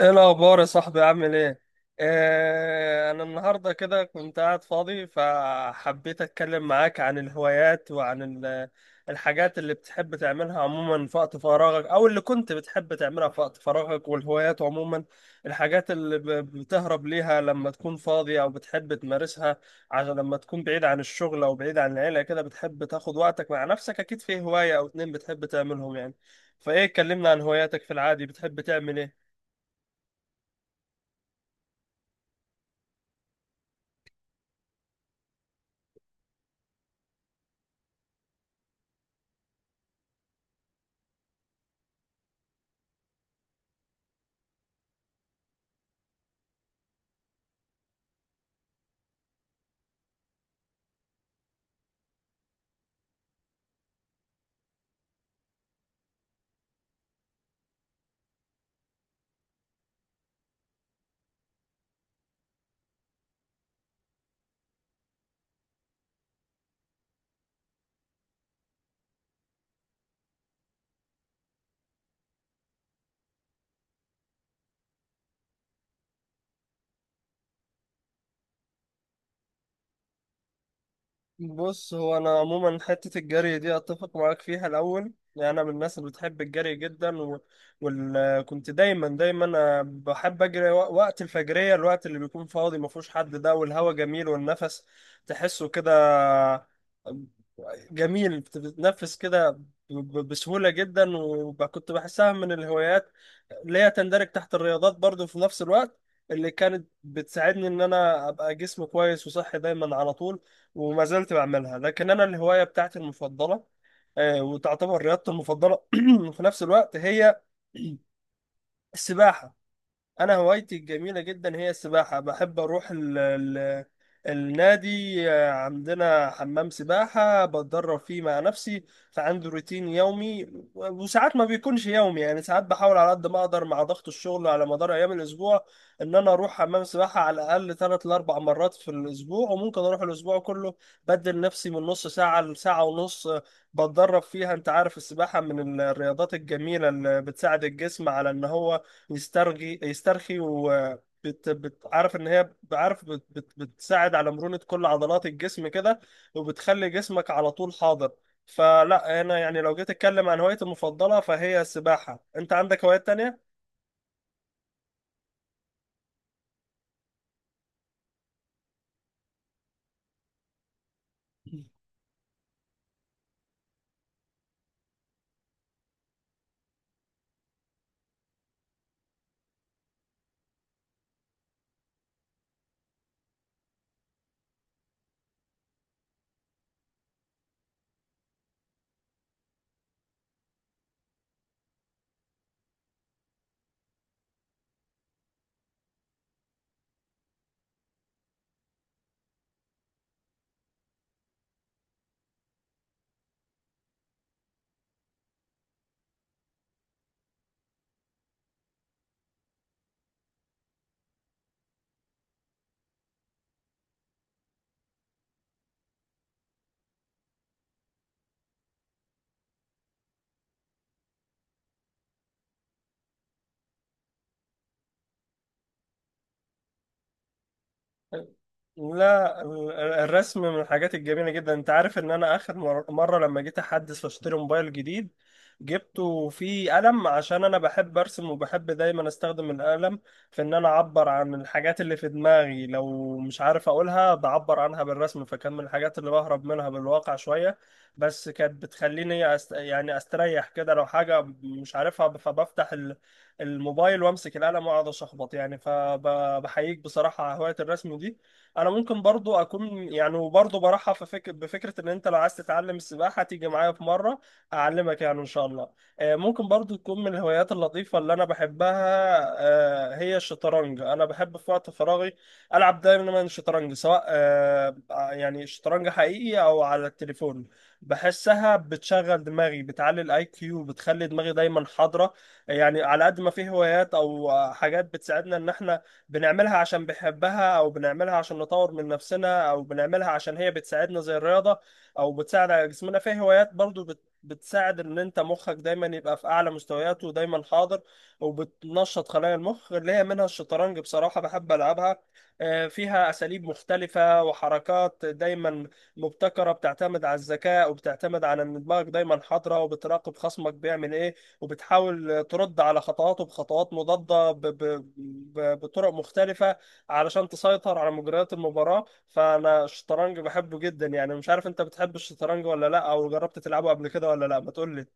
ايه الاخبار يا صاحبي؟ عامل ايه؟ انا النهارده كده كنت قاعد فاضي، فحبيت اتكلم معاك عن الهوايات وعن الحاجات اللي بتحب تعملها عموما في وقت فراغك، او اللي كنت بتحب تعملها في وقت فراغك، والهوايات عموما. الحاجات اللي بتهرب ليها لما تكون فاضي، او بتحب تمارسها عشان لما تكون بعيد عن الشغل او بعيد عن العيله كده، بتحب تاخد وقتك مع نفسك، اكيد في هوايه او اتنين بتحب تعملهم يعني. فايه، كلمنا عن هواياتك في العادي، بتحب تعمل ايه؟ بص، هو انا عموما حته الجري دي اتفق معاك فيها الاول، يعني انا من الناس اللي بتحب الجري جدا كنت دايما أنا بحب اجري، وقت الفجريه، الوقت اللي بيكون فاضي ما فيهوش حد ده، والهواء جميل، والنفس تحسه كده جميل، بتتنفس كده بسهوله جدا. وكنت بحسها من الهوايات اللي هي تندرج تحت الرياضات برضو في نفس الوقت، اللي كانت بتساعدني ان انا ابقى جسمي كويس وصحي دايما على طول، وما زلت بعملها. لكن انا الهوايه بتاعتي المفضله، وتعتبر رياضتي المفضله في نفس الوقت، هي السباحه. انا هوايتي الجميله جدا هي السباحه، بحب اروح ال النادي. عندنا حمام سباحه بتدرب فيه مع نفسي، فعندي روتين يومي. وساعات ما بيكونش يومي، يعني ساعات بحاول على قد ما اقدر مع ضغط الشغل على مدار ايام الاسبوع ان انا اروح حمام سباحه على الاقل ثلاث لاربع مرات في الاسبوع، وممكن اروح الاسبوع كله. بدل نفسي من نص ساعه لساعه ونص، بتدرب فيها. انت عارف السباحه من الرياضات الجميله اللي بتساعد الجسم على ان هو يسترخي، بتعرف ان هي، بتساعد على مرونة كل عضلات الجسم كده، وبتخلي جسمك على طول حاضر. فلا، انا يعني لو جيت اتكلم عن هوايتي المفضلة فهي السباحة. انت عندك هوايات تانية؟ لا، الرسم من الحاجات الجميلة جدا. انت عارف ان انا اخر مرة لما جيت احدث واشتري موبايل جديد، جبته فيه قلم عشان انا بحب ارسم، وبحب دايما استخدم القلم في ان انا اعبر عن الحاجات اللي في دماغي. لو مش عارف اقولها، بعبر عنها بالرسم، فكان من الحاجات اللي بهرب منها بالواقع شوية، بس كانت بتخليني يعني استريح كده. لو حاجة مش عارفها، فبفتح الموبايل وامسك القلم واقعد اشخبط يعني. فبحييك بصراحه على هوايه الرسم دي. انا ممكن برضو اكون يعني، وبرضو برحب بفكره ان انت لو عايز تتعلم السباحه تيجي معايا في مره اعلمك، يعني ان شاء الله. ممكن برضو تكون من الهوايات اللطيفه اللي انا بحبها، هي الشطرنج. انا بحب في وقت فراغي العب دايما شطرنج، سواء يعني شطرنج حقيقي او على التليفون. بحسها بتشغل دماغي، بتعلي الاي كيو، بتخلي دماغي دايما حاضره. يعني على قد ما في هوايات او حاجات بتساعدنا ان احنا بنعملها عشان بنحبها، او بنعملها عشان نطور من نفسنا، او بنعملها عشان هي بتساعدنا زي الرياضة، او بتساعد على جسمنا، في هوايات برضو بتساعد ان انت مخك دايما يبقى في اعلى مستوياته ودايما حاضر، وبتنشط خلايا المخ، اللي هي منها الشطرنج. بصراحة بحب العبها، فيها اساليب مختلفة وحركات دايما مبتكرة، بتعتمد على الذكاء وبتعتمد على ان دماغك دايما حاضرة، وبتراقب خصمك بيعمل ايه، وبتحاول ترد على خطواته بخطوات مضادة بطرق مختلفة علشان تسيطر على مجريات المباراة. فأنا الشطرنج بحبه جدا يعني. مش عارف أنت بتحب الشطرنج ولا لأ، أو جربت تلعبه قبل كده ولا لأ، ما تقول لي.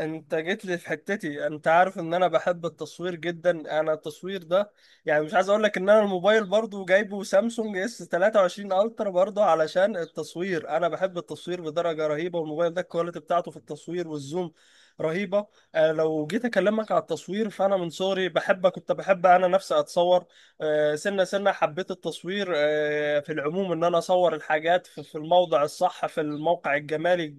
انت جيت لي في حتتي. انت عارف ان انا بحب التصوير جدا. انا التصوير ده يعني، مش عايز اقول لك ان انا الموبايل برضو جايبه سامسونج اس 23 الترا برضو علشان التصوير. انا بحب التصوير بدرجة رهيبة، والموبايل ده الكواليتي بتاعته في التصوير والزوم رهيبة. لو جيت اكلمك على التصوير، فانا من صغري بحب، كنت بحب انا نفسي اتصور، سنة سنة حبيت التصوير، في العموم ان انا اصور الحاجات في الموضع الصح، في الموقع الجمالي،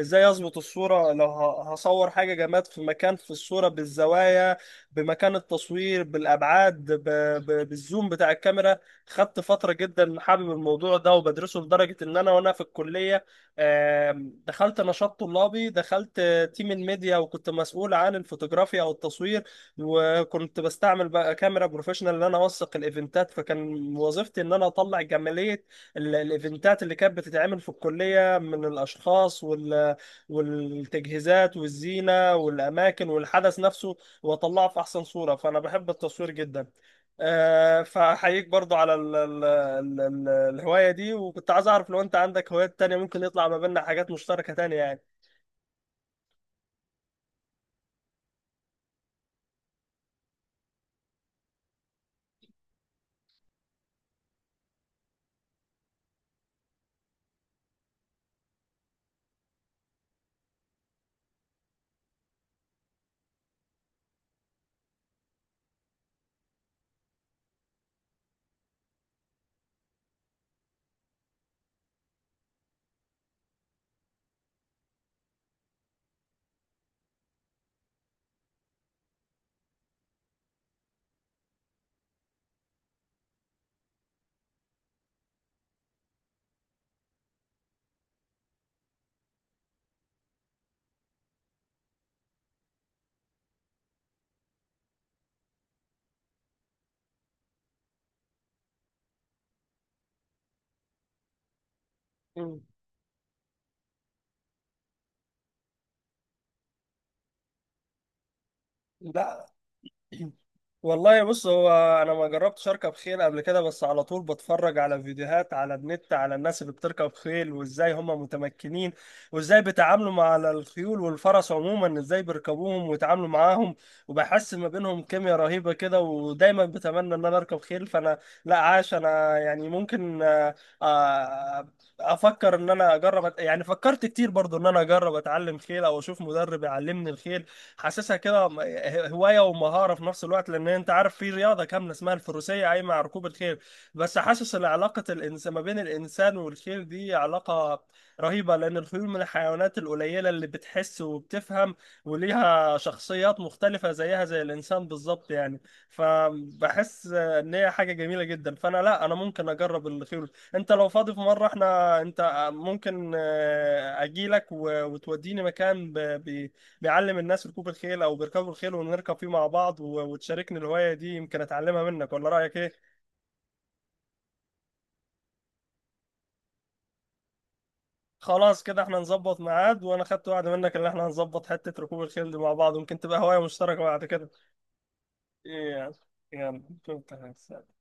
ازاي اظبط الصورة لو هصور حاجة جماد، في مكان، في الصورة، بالزوايا، بمكان التصوير، بالابعاد، بالزوم بتاع الكاميرا. خدت فترة جدا حابب الموضوع ده وبدرسه، لدرجة ان انا وانا في الكلية، دخلت نشاط طلابي، دخلت تيم الميديا، وكنت مسؤول عن الفوتوغرافيا او التصوير. وكنت بستعمل بقى كاميرا بروفيشنال ان انا اوثق الايفنتات، فكان وظيفتي ان انا اطلع جمالية الايفنتات اللي كانت بتتعمل في الكلية، من الاشخاص والتجهيزات والزينة والأماكن والحدث نفسه، وأطلعه في أحسن صورة. فأنا بحب التصوير جدا، فأحييك برضو على ال ال ال ال الهواية دي. وكنت عايز أعرف لو أنت عندك هوايات تانية، ممكن يطلع ما بيننا حاجات مشتركة تانية يعني. مم. لا والله، بص، هو انا ما جربتش اركب خيل قبل كده، بس على طول بتفرج على فيديوهات على النت على الناس اللي بتركب خيل، وازاي هم متمكنين، وازاي بيتعاملوا مع، على الخيول والفرس عموما ازاي بيركبوهم ويتعاملوا معاهم. وبحس ما بينهم كيمياء رهيبة كده، ودايما بتمنى ان انا اركب خيل. فانا لا عاش، انا يعني ممكن، آه، افكر ان انا اجرب يعني فكرت كتير برضو ان انا اجرب اتعلم خيل او اشوف مدرب يعلمني الخيل. حاسسها كده هوايه ومهاره في نفس الوقت، لان انت عارف في رياضه كامله اسمها الفروسيه قايمه على ركوب الخيل. بس حاسس ان علاقه الانسان، ما بين الانسان والخيل دي، علاقه رهيبه، لان الخيول من الحيوانات القليله اللي بتحس وبتفهم، وليها شخصيات مختلفه زيها زي الانسان بالظبط يعني. فبحس ان هي حاجه جميله جدا. فانا لا، انا ممكن اجرب الخيول. انت لو فاضي في مره، احنا انت ممكن اجي لك وتوديني مكان بيعلم الناس ركوب الخيل او بيركبوا الخيل، ونركب فيه مع بعض، وتشاركني الهوايه دي، يمكن اتعلمها منك، ولا رايك ايه؟ خلاص كده، احنا نظبط ميعاد، وانا خدت وعد منك ان احنا هنظبط حته ركوب الخيل دي مع بعض، ويمكن تبقى هوايه مشتركه بعد كده. إيه يعني، يلا شكراً.